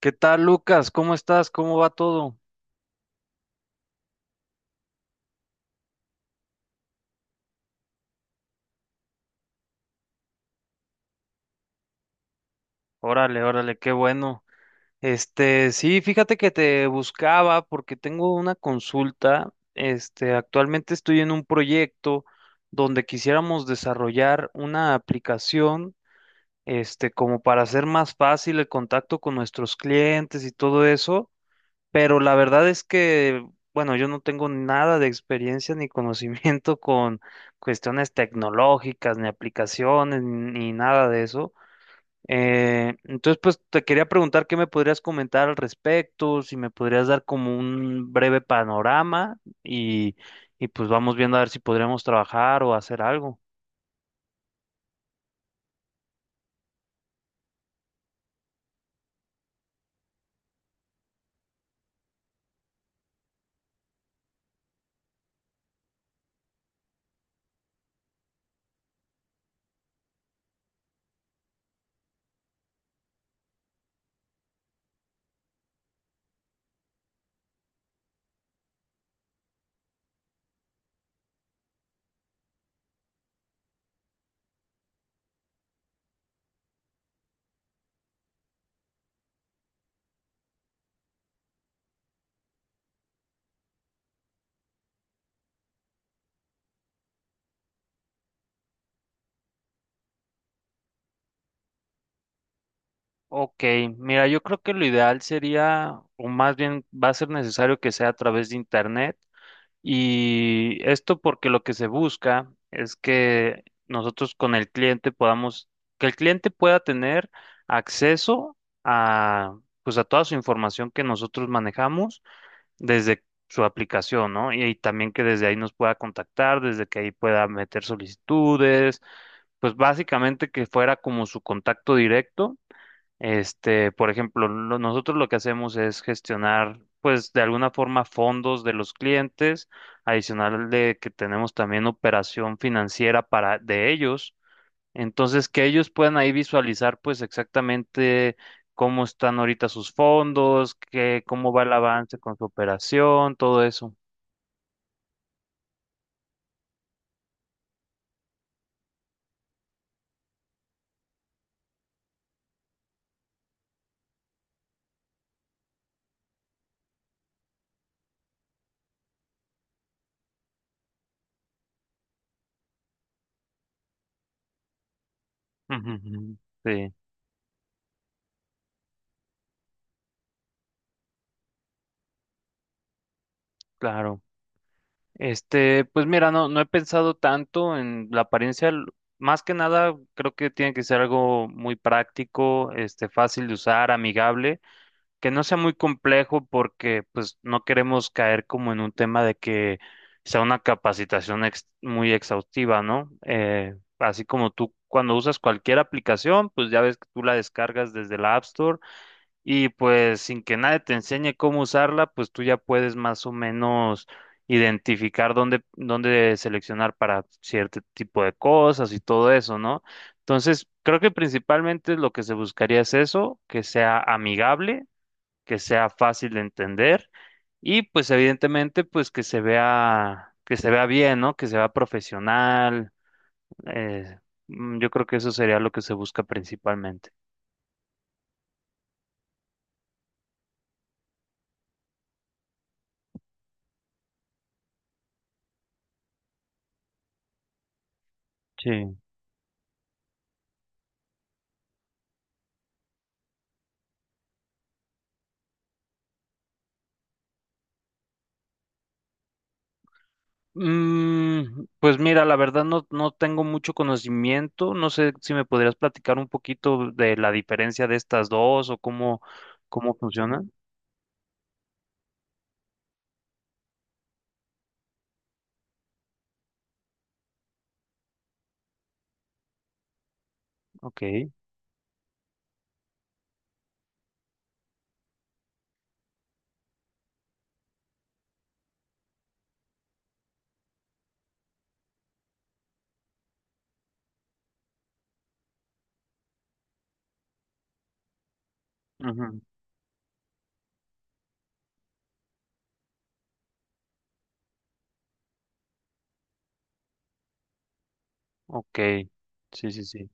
¿Qué tal, Lucas? ¿Cómo estás? ¿Cómo va todo? Órale, órale, qué bueno. Sí, fíjate que te buscaba porque tengo una consulta. Actualmente estoy en un proyecto donde quisiéramos desarrollar una aplicación, como para hacer más fácil el contacto con nuestros clientes y todo eso. Pero la verdad es que, bueno, yo no tengo nada de experiencia ni conocimiento con cuestiones tecnológicas, ni aplicaciones, ni nada de eso. Entonces, pues te quería preguntar qué me podrías comentar al respecto, si me podrías dar como un breve panorama y, pues vamos viendo a ver si podríamos trabajar o hacer algo. Ok, mira, yo creo que lo ideal sería, o más bien va a ser necesario que sea a través de internet. Y esto porque lo que se busca es que nosotros con el cliente podamos, que el cliente pueda tener acceso a, pues a toda su información que nosotros manejamos desde su aplicación, ¿no? Y, también que desde ahí nos pueda contactar, desde que ahí pueda meter solicitudes, pues básicamente que fuera como su contacto directo por ejemplo, nosotros lo que hacemos es gestionar, pues, de alguna forma fondos de los clientes, adicional de que tenemos también operación financiera para de ellos. Entonces, que ellos puedan ahí visualizar, pues, exactamente cómo están ahorita sus fondos, qué, cómo va el avance con su operación, todo eso. Ujú, ujú. Sí, claro. Pues mira, no, no he pensado tanto en la apariencia. Más que nada, creo que tiene que ser algo muy práctico, fácil de usar, amigable, que no sea muy complejo porque pues no queremos caer como en un tema de que sea una capacitación muy exhaustiva, ¿no? Así como tú cuando usas cualquier aplicación, pues ya ves que tú la descargas desde la App Store y pues sin que nadie te enseñe cómo usarla, pues tú ya puedes más o menos identificar dónde, dónde seleccionar para cierto tipo de cosas y todo eso, ¿no? Entonces, creo que principalmente lo que se buscaría es eso, que sea amigable, que sea fácil de entender y pues evidentemente pues que se vea bien, ¿no? Que se vea profesional. eh, yo creo que eso sería lo que se busca principalmente. Sí. Pues mira, la verdad no, no tengo mucho conocimiento. No sé si me podrías platicar un poquito de la diferencia de estas dos o cómo, cómo funcionan. Ok. Ujú. Ok. Sí, sí, sí.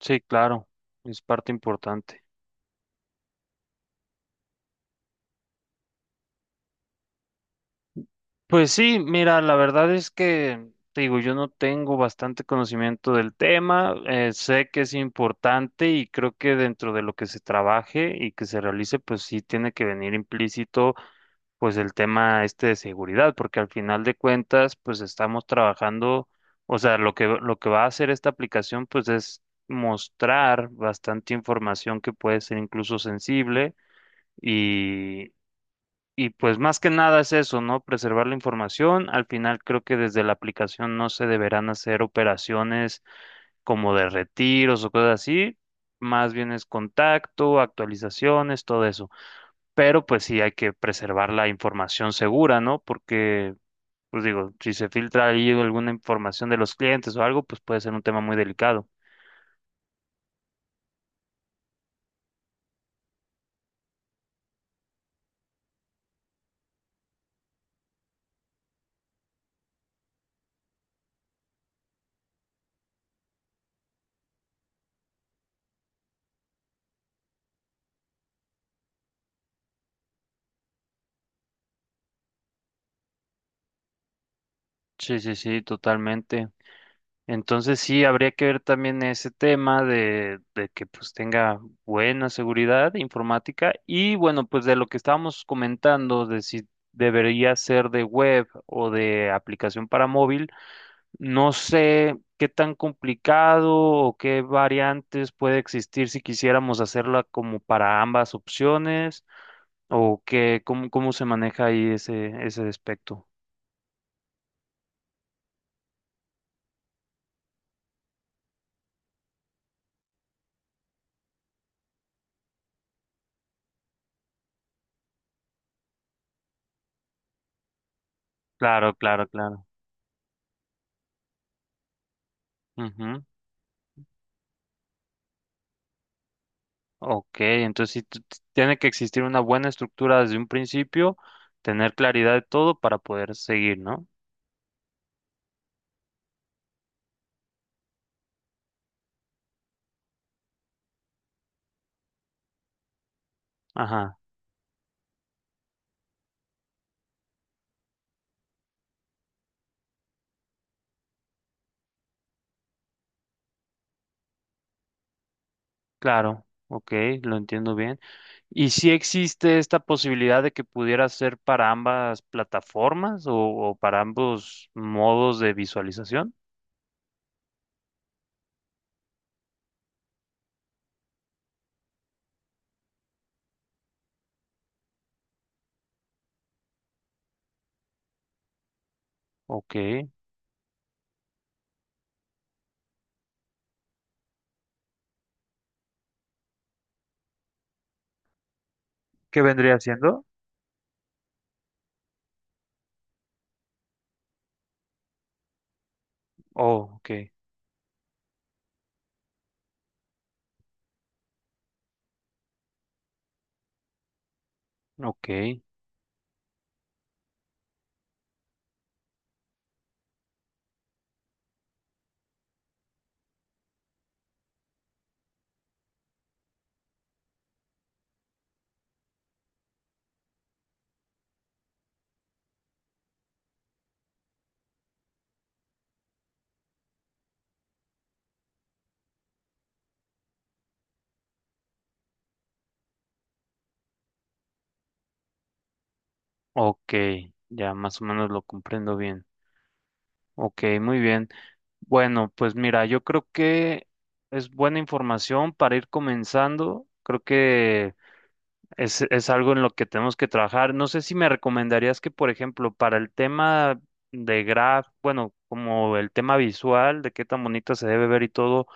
Sí, claro. Es parte importante. Pues sí, mira, la verdad es que, te digo, yo no tengo bastante conocimiento del tema, sé que es importante y creo que dentro de lo que se trabaje y que se realice, pues sí tiene que venir implícito pues el tema este de seguridad, porque al final de cuentas, pues estamos trabajando, o sea, lo que va a hacer esta aplicación, pues es mostrar bastante información que puede ser incluso sensible y, pues más que nada es eso, ¿no? Preservar la información. Al final creo que desde la aplicación no se deberán hacer operaciones como de retiros o cosas así, más bien es contacto, actualizaciones, todo eso pero pues sí hay que preservar la información segura, ¿no? Porque, pues digo, si se filtra ahí alguna información de los clientes o algo, pues puede ser un tema muy delicado. Sí, sí, sí, totalmente. Entonces sí, habría que ver también ese tema de que pues tenga buena seguridad informática y bueno, pues de lo que estábamos comentando de si debería ser de web o de aplicación para móvil. No sé qué tan complicado o qué variantes puede existir si quisiéramos hacerla como para ambas opciones o qué, cómo, cómo se maneja ahí ese aspecto. Claro, claro, claro. Ujú. Ok, entonces sí tiene que existir una buena estructura desde un principio, tener claridad de todo para poder seguir, ¿no? Ajá, claro, ok, lo entiendo bien. ¿Y si existe esta posibilidad de que pudiera ser para ambas plataformas o, para ambos modos de visualización? Ok. ¿Qué vendría siendo? Oh, ok, ok, ok. Ya más o menos lo comprendo bien. Ok, muy bien. Bueno, pues mira, yo creo que es buena información para ir comenzando. Creo que es, algo en lo que tenemos que trabajar. No sé si me recomendarías que, por ejemplo, para el tema de graf bueno, como el tema visual, de qué tan bonita se debe ver y todo,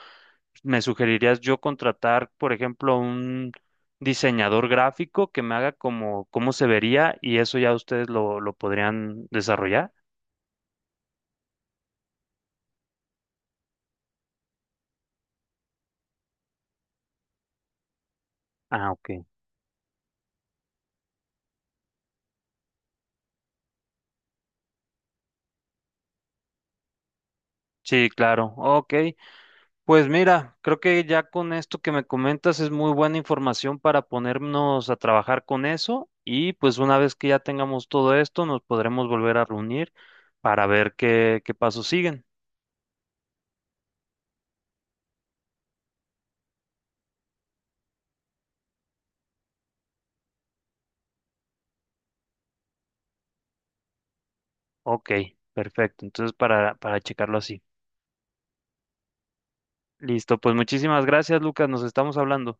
me sugerirías yo contratar, por ejemplo, un diseñador gráfico que me haga como cómo se vería y eso ya ustedes lo, podrían desarrollar. Ah, ok. Sí, claro. Ok. Pues mira, creo que ya con esto que me comentas es muy buena información para ponernos a trabajar con eso y pues una vez que ya tengamos todo esto nos podremos volver a reunir para ver qué, qué pasos siguen. Ok, perfecto. Entonces para, checarlo así. Listo, pues muchísimas gracias, Lucas. Nos estamos hablando.